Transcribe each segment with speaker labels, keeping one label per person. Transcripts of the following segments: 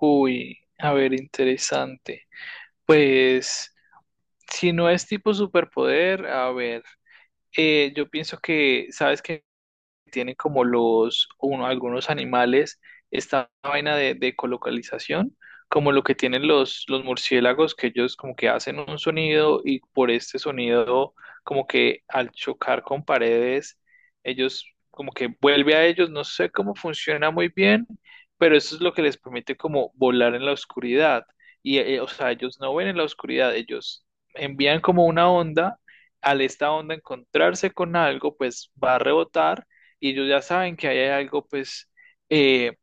Speaker 1: Uy, a ver, interesante. Pues, si no es tipo superpoder, a ver, yo pienso que, ¿sabes qué? Tienen como algunos animales, esta vaina de colocalización, como lo que tienen los murciélagos, que ellos como que hacen un sonido y por este sonido, como que al chocar con paredes, ellos como que vuelve a ellos, no sé cómo funciona muy bien, pero eso es lo que les permite como volar en la oscuridad. O sea, ellos no ven en la oscuridad, ellos envían como una onda, al esta onda encontrarse con algo, pues va a rebotar y ellos ya saben que ahí hay algo, pues, eh,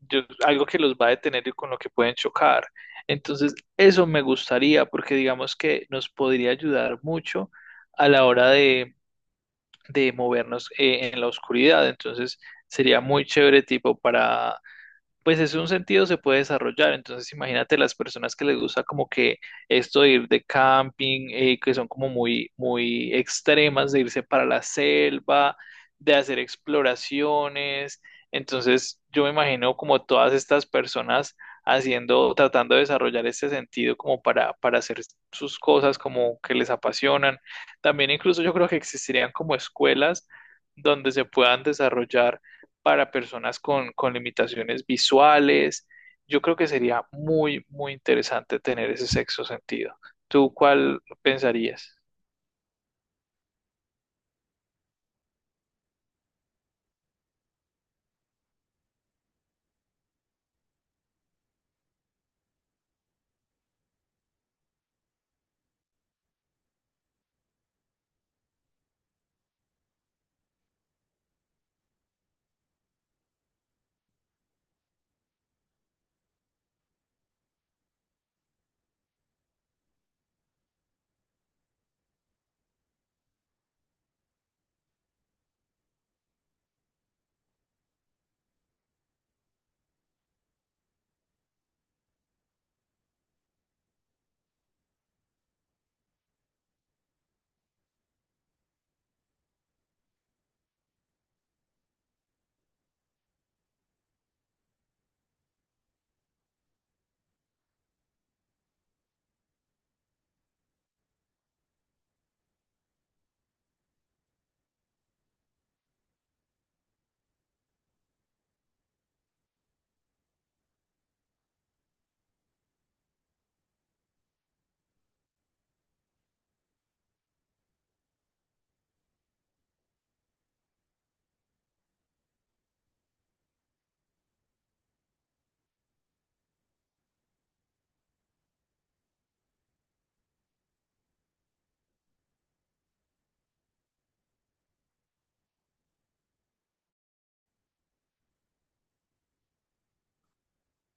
Speaker 1: algo que los va a detener y con lo que pueden chocar. Entonces, eso me gustaría porque digamos que nos podría ayudar mucho a la hora de movernos en la oscuridad. Entonces, sería muy chévere tipo para pues es un sentido se puede desarrollar. Entonces, imagínate las personas que les gusta como que esto de ir de camping, que son como muy, muy extremas, de irse para la selva, de hacer exploraciones. Entonces, yo me imagino como todas estas personas haciendo, tratando de desarrollar este sentido como para hacer sus cosas como que les apasionan. También incluso yo creo que existirían como escuelas donde se puedan desarrollar para personas con limitaciones visuales. Yo creo que sería muy, muy interesante tener ese sexto sentido. ¿Tú cuál pensarías?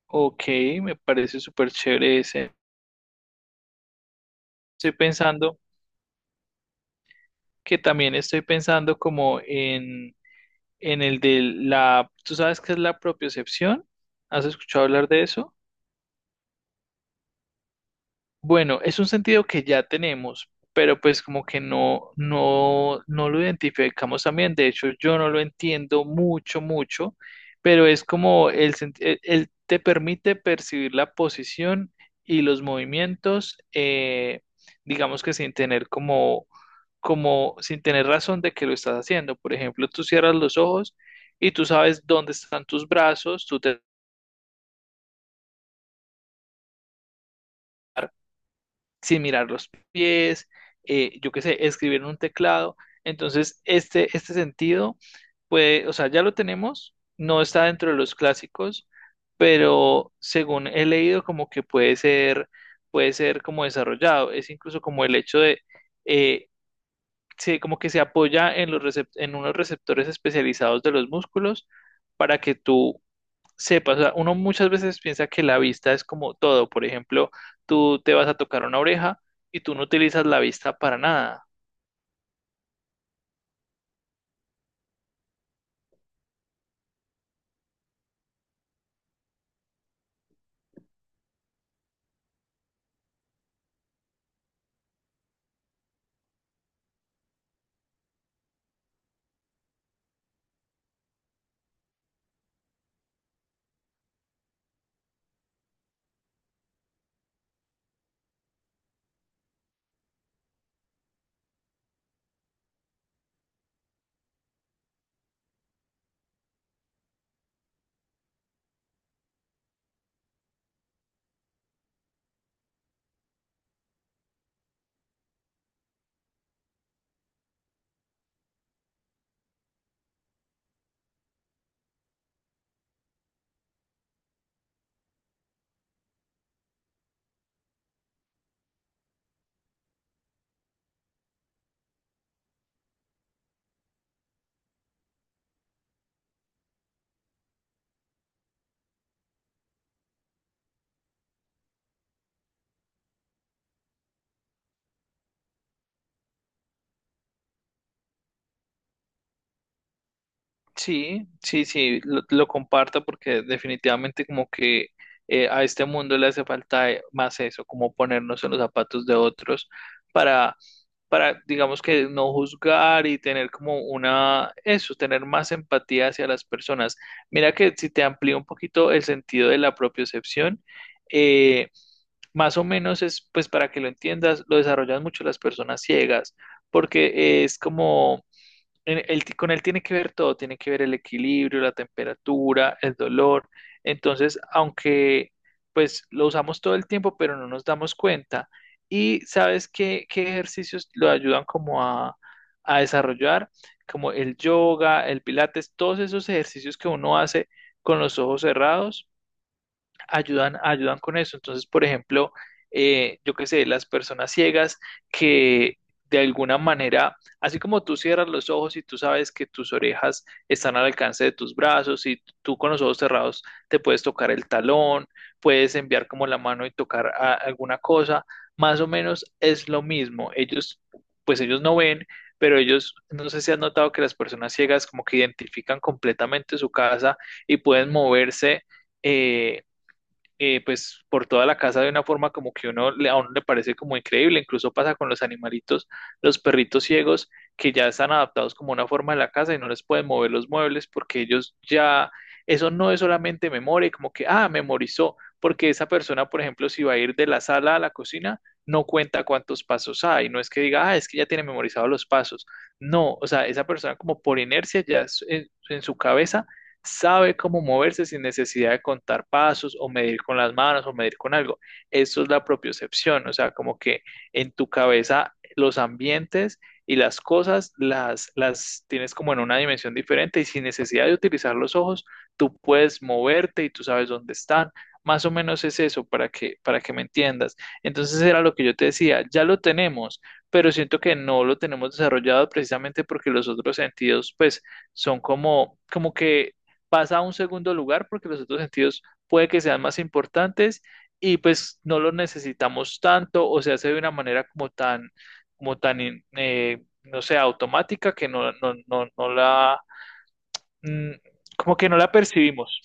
Speaker 1: Ok, me parece súper chévere ese. Estoy pensando que también estoy pensando como en el de la, ¿tú sabes qué es la propiocepción? ¿Has escuchado hablar de eso? Bueno, es un sentido que ya tenemos, pero pues como que no lo identificamos también. De hecho, yo no lo entiendo mucho, mucho, pero es como el, sen- el- te permite percibir la posición y los movimientos, digamos que sin tener sin tener razón de que lo estás haciendo. Por ejemplo, tú cierras los ojos y tú sabes dónde están tus brazos, tú te sin mirar los pies, yo qué sé, escribir en un teclado. Entonces, este sentido, puede, o sea, ya lo tenemos, no está dentro de los clásicos, pero según he leído, como que puede ser como desarrollado. Es incluso como el hecho de, eh, como que se apoya en en unos receptores especializados de los músculos para que tú sepa, o sea, uno muchas veces piensa que la vista es como todo. Por ejemplo, tú te vas a tocar una oreja y tú no utilizas la vista para nada. Sí, sí, sí, lo comparto porque definitivamente como que a este mundo le hace falta más eso, como ponernos en los zapatos de otros para, para, digamos que no juzgar y tener como una, eso, tener más empatía hacia las personas. Mira que si te amplío un poquito el sentido de la propiocepción, eh, más o menos es, pues para que lo entiendas, lo desarrollan mucho las personas ciegas, porque es como con él tiene que ver todo, tiene que ver el equilibrio, la temperatura, el dolor. Entonces, aunque pues lo usamos todo el tiempo, pero no nos damos cuenta. Y sabes qué, qué ejercicios lo ayudan como a desarrollar, como el yoga, el pilates, todos esos ejercicios que uno hace con los ojos cerrados ayudan, ayudan con eso. Entonces, por ejemplo, yo qué sé, las personas ciegas que de alguna manera, así como tú cierras los ojos y tú sabes que tus orejas están al alcance de tus brazos y tú con los ojos cerrados te puedes tocar el talón, puedes enviar como la mano y tocar alguna cosa, más o menos es lo mismo. Ellos, pues ellos no ven, pero ellos, no sé si has notado que las personas ciegas como que identifican completamente su casa y pueden moverse. eh, pues por toda la casa de una forma como que uno, a uno le parece como increíble, incluso pasa con los animalitos, los perritos ciegos que ya están adaptados como una forma de la casa y no les pueden mover los muebles porque ellos ya, eso no es solamente memoria, como que, ah, memorizó, porque esa persona, por ejemplo, si va a ir de la sala a la cocina, no cuenta cuántos pasos hay, no es que diga, ah, es que ya tiene memorizados los pasos, no, o sea, esa persona como por inercia ya en su cabeza sabe cómo moverse sin necesidad de contar pasos o medir con las manos o medir con algo. Eso es la propiocepción, o sea, como que en tu cabeza los ambientes y las cosas las tienes como en una dimensión diferente y sin necesidad de utilizar los ojos, tú puedes moverte y tú sabes dónde están. Más o menos es eso para que me entiendas. Entonces era lo que yo te decía, ya lo tenemos, pero siento que no lo tenemos desarrollado precisamente porque los otros sentidos pues son como que pasa a un segundo lugar porque los otros sentidos puede que sean más importantes y pues no los necesitamos tanto o se hace de una manera como tan, no sé, automática que no la, mm, como que no la percibimos.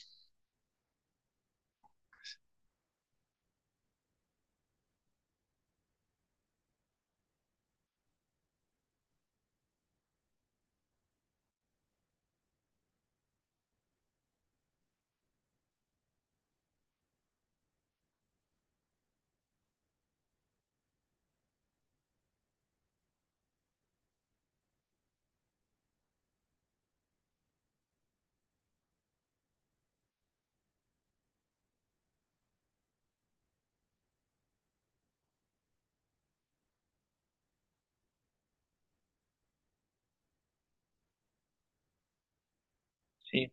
Speaker 1: Sí.